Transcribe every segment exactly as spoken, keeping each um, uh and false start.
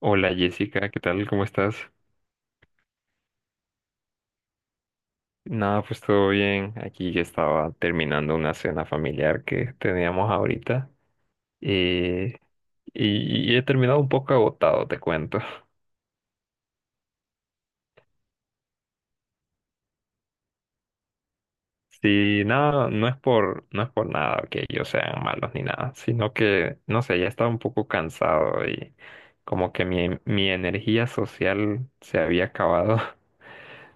Hola Jessica, ¿qué tal? ¿Cómo estás? Nada, pues todo bien. Aquí ya estaba terminando una cena familiar que teníamos ahorita. eh, y, y he terminado un poco agotado, te cuento. Sí, nada, no es por, no es por nada que ellos sean malos ni nada, sino que, no sé, ya estaba un poco cansado y como que mi, mi energía social se había acabado.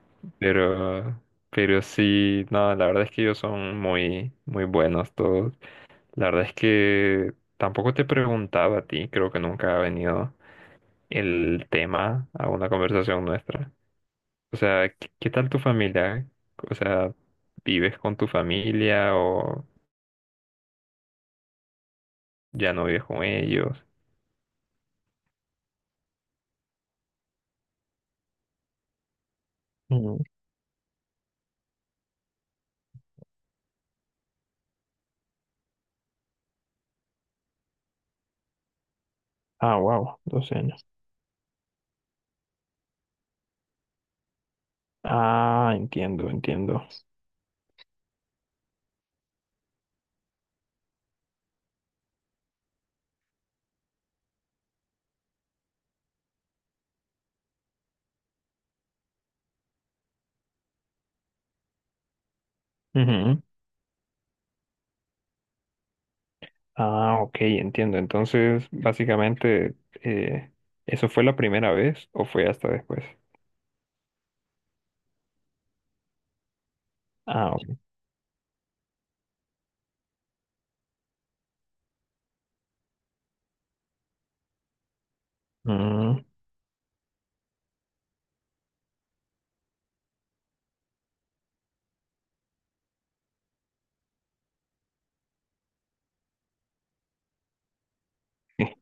Pero, pero sí, no, la verdad es que ellos son muy, muy buenos todos. La verdad es que tampoco te preguntaba a ti, creo que nunca ha venido el tema a una conversación nuestra. O sea, ¿qué, qué tal tu familia? O sea, ¿vives con tu familia o ya no vives con ellos? Ujú. Ah, wow, doce años. Ah, entiendo, entiendo. Ujú. Ah, ok, entiendo. Entonces, básicamente, eh, ¿eso fue la primera vez o fue hasta después? Ah, ok. Mm, sí,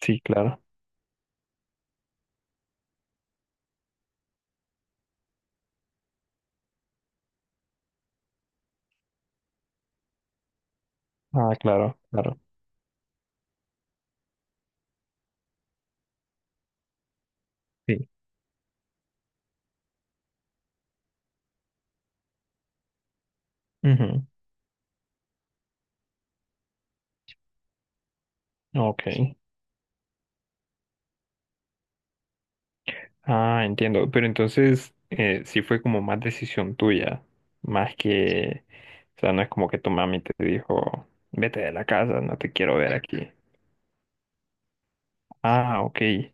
sí, claro. Ah, claro, claro. Sí. Ujú. Ok. Ah, entiendo. Pero entonces, eh, sí fue como más decisión tuya, más que, o sea, no es como que tu mami te dijo, vete de la casa, no te quiero ver aquí. Ah, ok.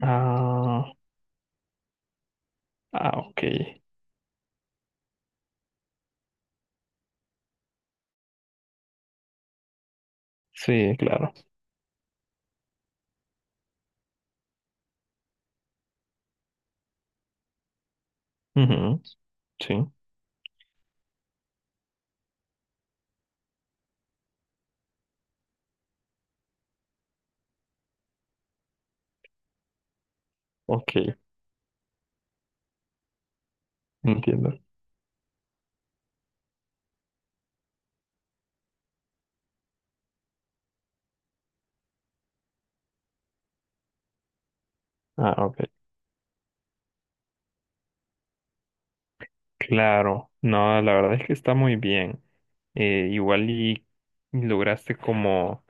Ah, ah, ok. Sí, claro. Ujú. Sí, ok. Entiendo. Ah, ok. Claro. No, la verdad es que está muy bien. Eh, igual y lograste como,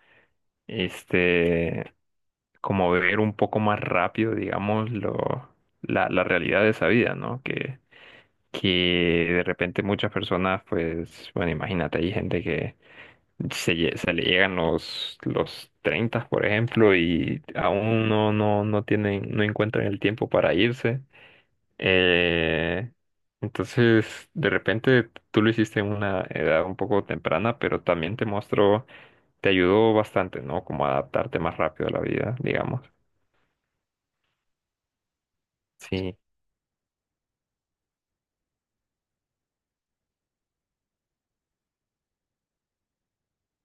este... como ver un poco más rápido, digamos, lo, la, la realidad de esa vida, ¿no? Que, que de repente muchas personas, pues, bueno, imagínate, hay gente que se, lle- se le llegan los, los treinta, por ejemplo, y aún no, no, no tienen, no encuentran el tiempo para irse. Eh, entonces, de repente tú lo hiciste en una edad un poco temprana, pero también te mostró, te ayudó bastante, ¿no? Como a adaptarte más rápido a la vida, digamos. Sí.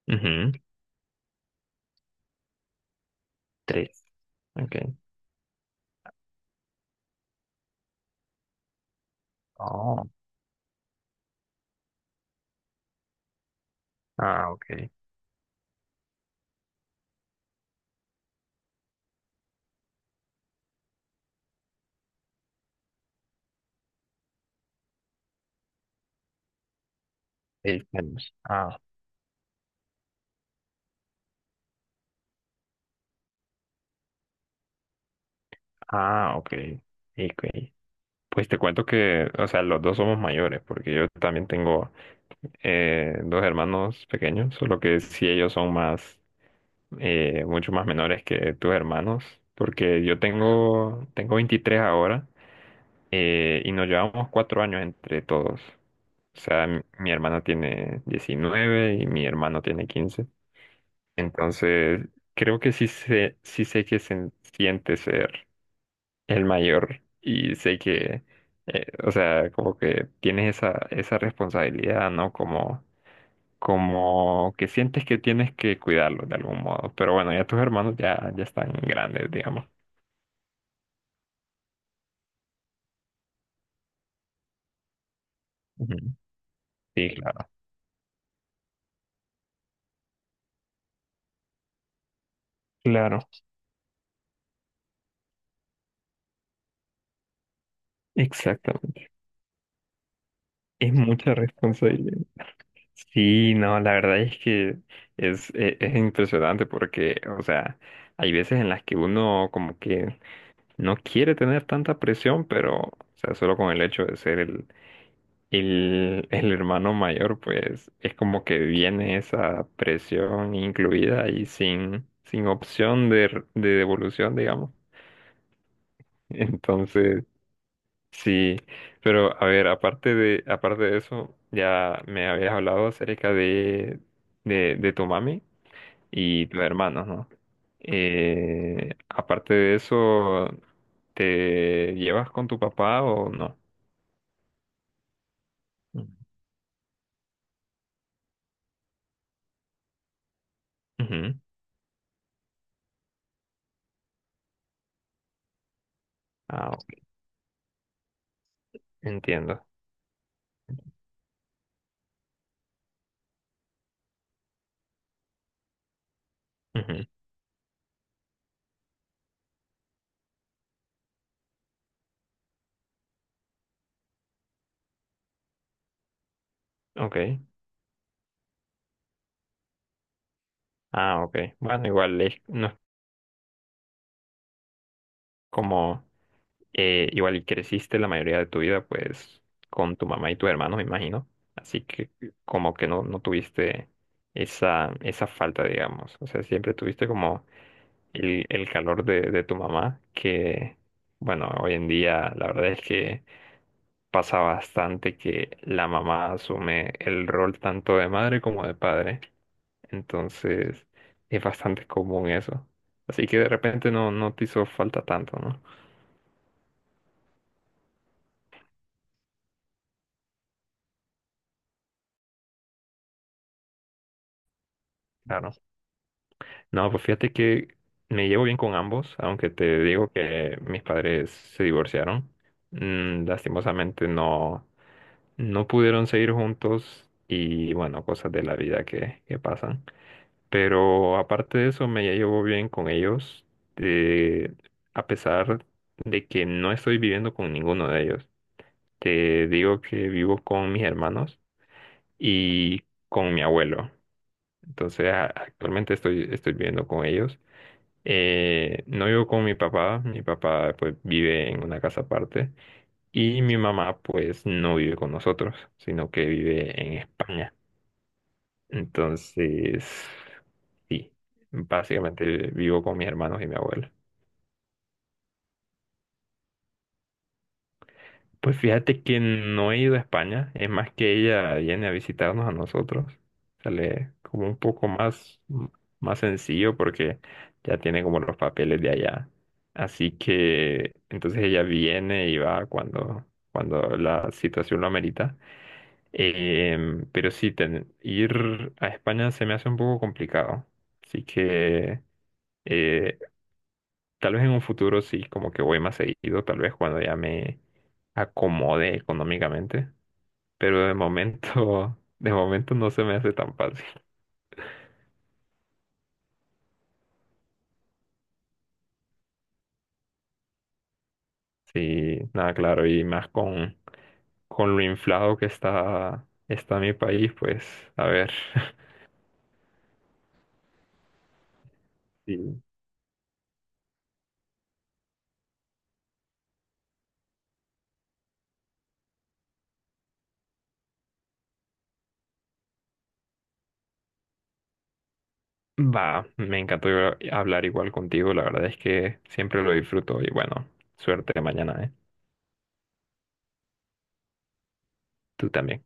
Ujú. Tres. Ok. Oh, ah, ok. Seis años. Ah, ah, ok. Ok. Pues te cuento que, o sea, los dos somos mayores, porque yo también tengo eh, dos hermanos pequeños, solo que sí ellos son más, eh, mucho más menores que tus hermanos, porque yo tengo, tengo veintitrés ahora eh, y nos llevamos cuatro años entre todos. O sea, mi, mi hermana tiene diecinueve y mi hermano tiene quince. Entonces, creo que sí sé, sí sé que se siente ser el mayor y sé que, eh, o sea, como que tienes esa, esa responsabilidad, ¿no? Como, como que sientes que tienes que cuidarlo de algún modo. Pero bueno, ya tus hermanos ya, ya están grandes, digamos. Ujú. Sí, claro. Claro, exactamente. Es mucha responsabilidad. Sí, no, la verdad es que es, es es impresionante porque, o sea, hay veces en las que uno como que no quiere tener tanta presión, pero, o sea, solo con el hecho de ser el, el, el hermano mayor, pues es como que viene esa presión incluida y sin, sin opción de, r- de devolución, digamos. Entonces, sí, pero a ver, aparte de, aparte de eso, ya me habías hablado acerca de, de, de tu mami y tus hermanos, ¿no? Eh, aparte de eso, ¿te llevas con tu papá o no? Mm. Ujú. Ah, ok, entiendo. Ujú. Ok. Ah, ok. Bueno, igual es, no es como, eh, igual y creciste la mayoría de tu vida, pues, con tu mamá y tu hermano, me imagino. Así que como que no, no tuviste esa, esa falta, digamos. O sea, siempre tuviste como el, el calor de, de tu mamá, que bueno, hoy en día la verdad es que pasa bastante que la mamá asume el rol tanto de madre como de padre, entonces es bastante común eso. Así que de repente no, no te hizo falta tanto, ¿no? Claro. No, pues fíjate que me llevo bien con ambos, aunque te digo que mis padres se divorciaron. Mm, lastimosamente no. No pudieron seguir juntos y bueno, cosas de la vida que, que pasan. Pero aparte de eso, me llevo bien con ellos, eh, a pesar de que no estoy viviendo con ninguno de ellos. Te digo que vivo con mis hermanos y con mi abuelo. Entonces, a- actualmente estoy, estoy viviendo con ellos. Eh, no vivo con mi papá, mi papá pues vive en una casa aparte. Y mi mamá, pues, no vive con nosotros, sino que vive en España. Entonces, sí, básicamente vivo con mis hermanos y mi abuela. Pues fíjate que no he ido a España, es más que ella viene a visitarnos a nosotros. Sale como un poco más, más sencillo porque ya tiene como los papeles de allá. Así que entonces ella viene y va cuando, cuando la situación lo amerita. Em, pero sí, ten- ir a España se me hace un poco complicado. Así que eh, tal vez en un futuro sí, como que voy más seguido, tal vez cuando ya me acomode económicamente, pero de momento, de momento no se me hace tan fácil. Sí, nada, claro, y más con, con lo inflado que está, está mi país, pues a ver. Sí. Va, me encantó hablar igual contigo, la verdad es que siempre lo disfruto y bueno, suerte mañana, ¿eh? Tú también.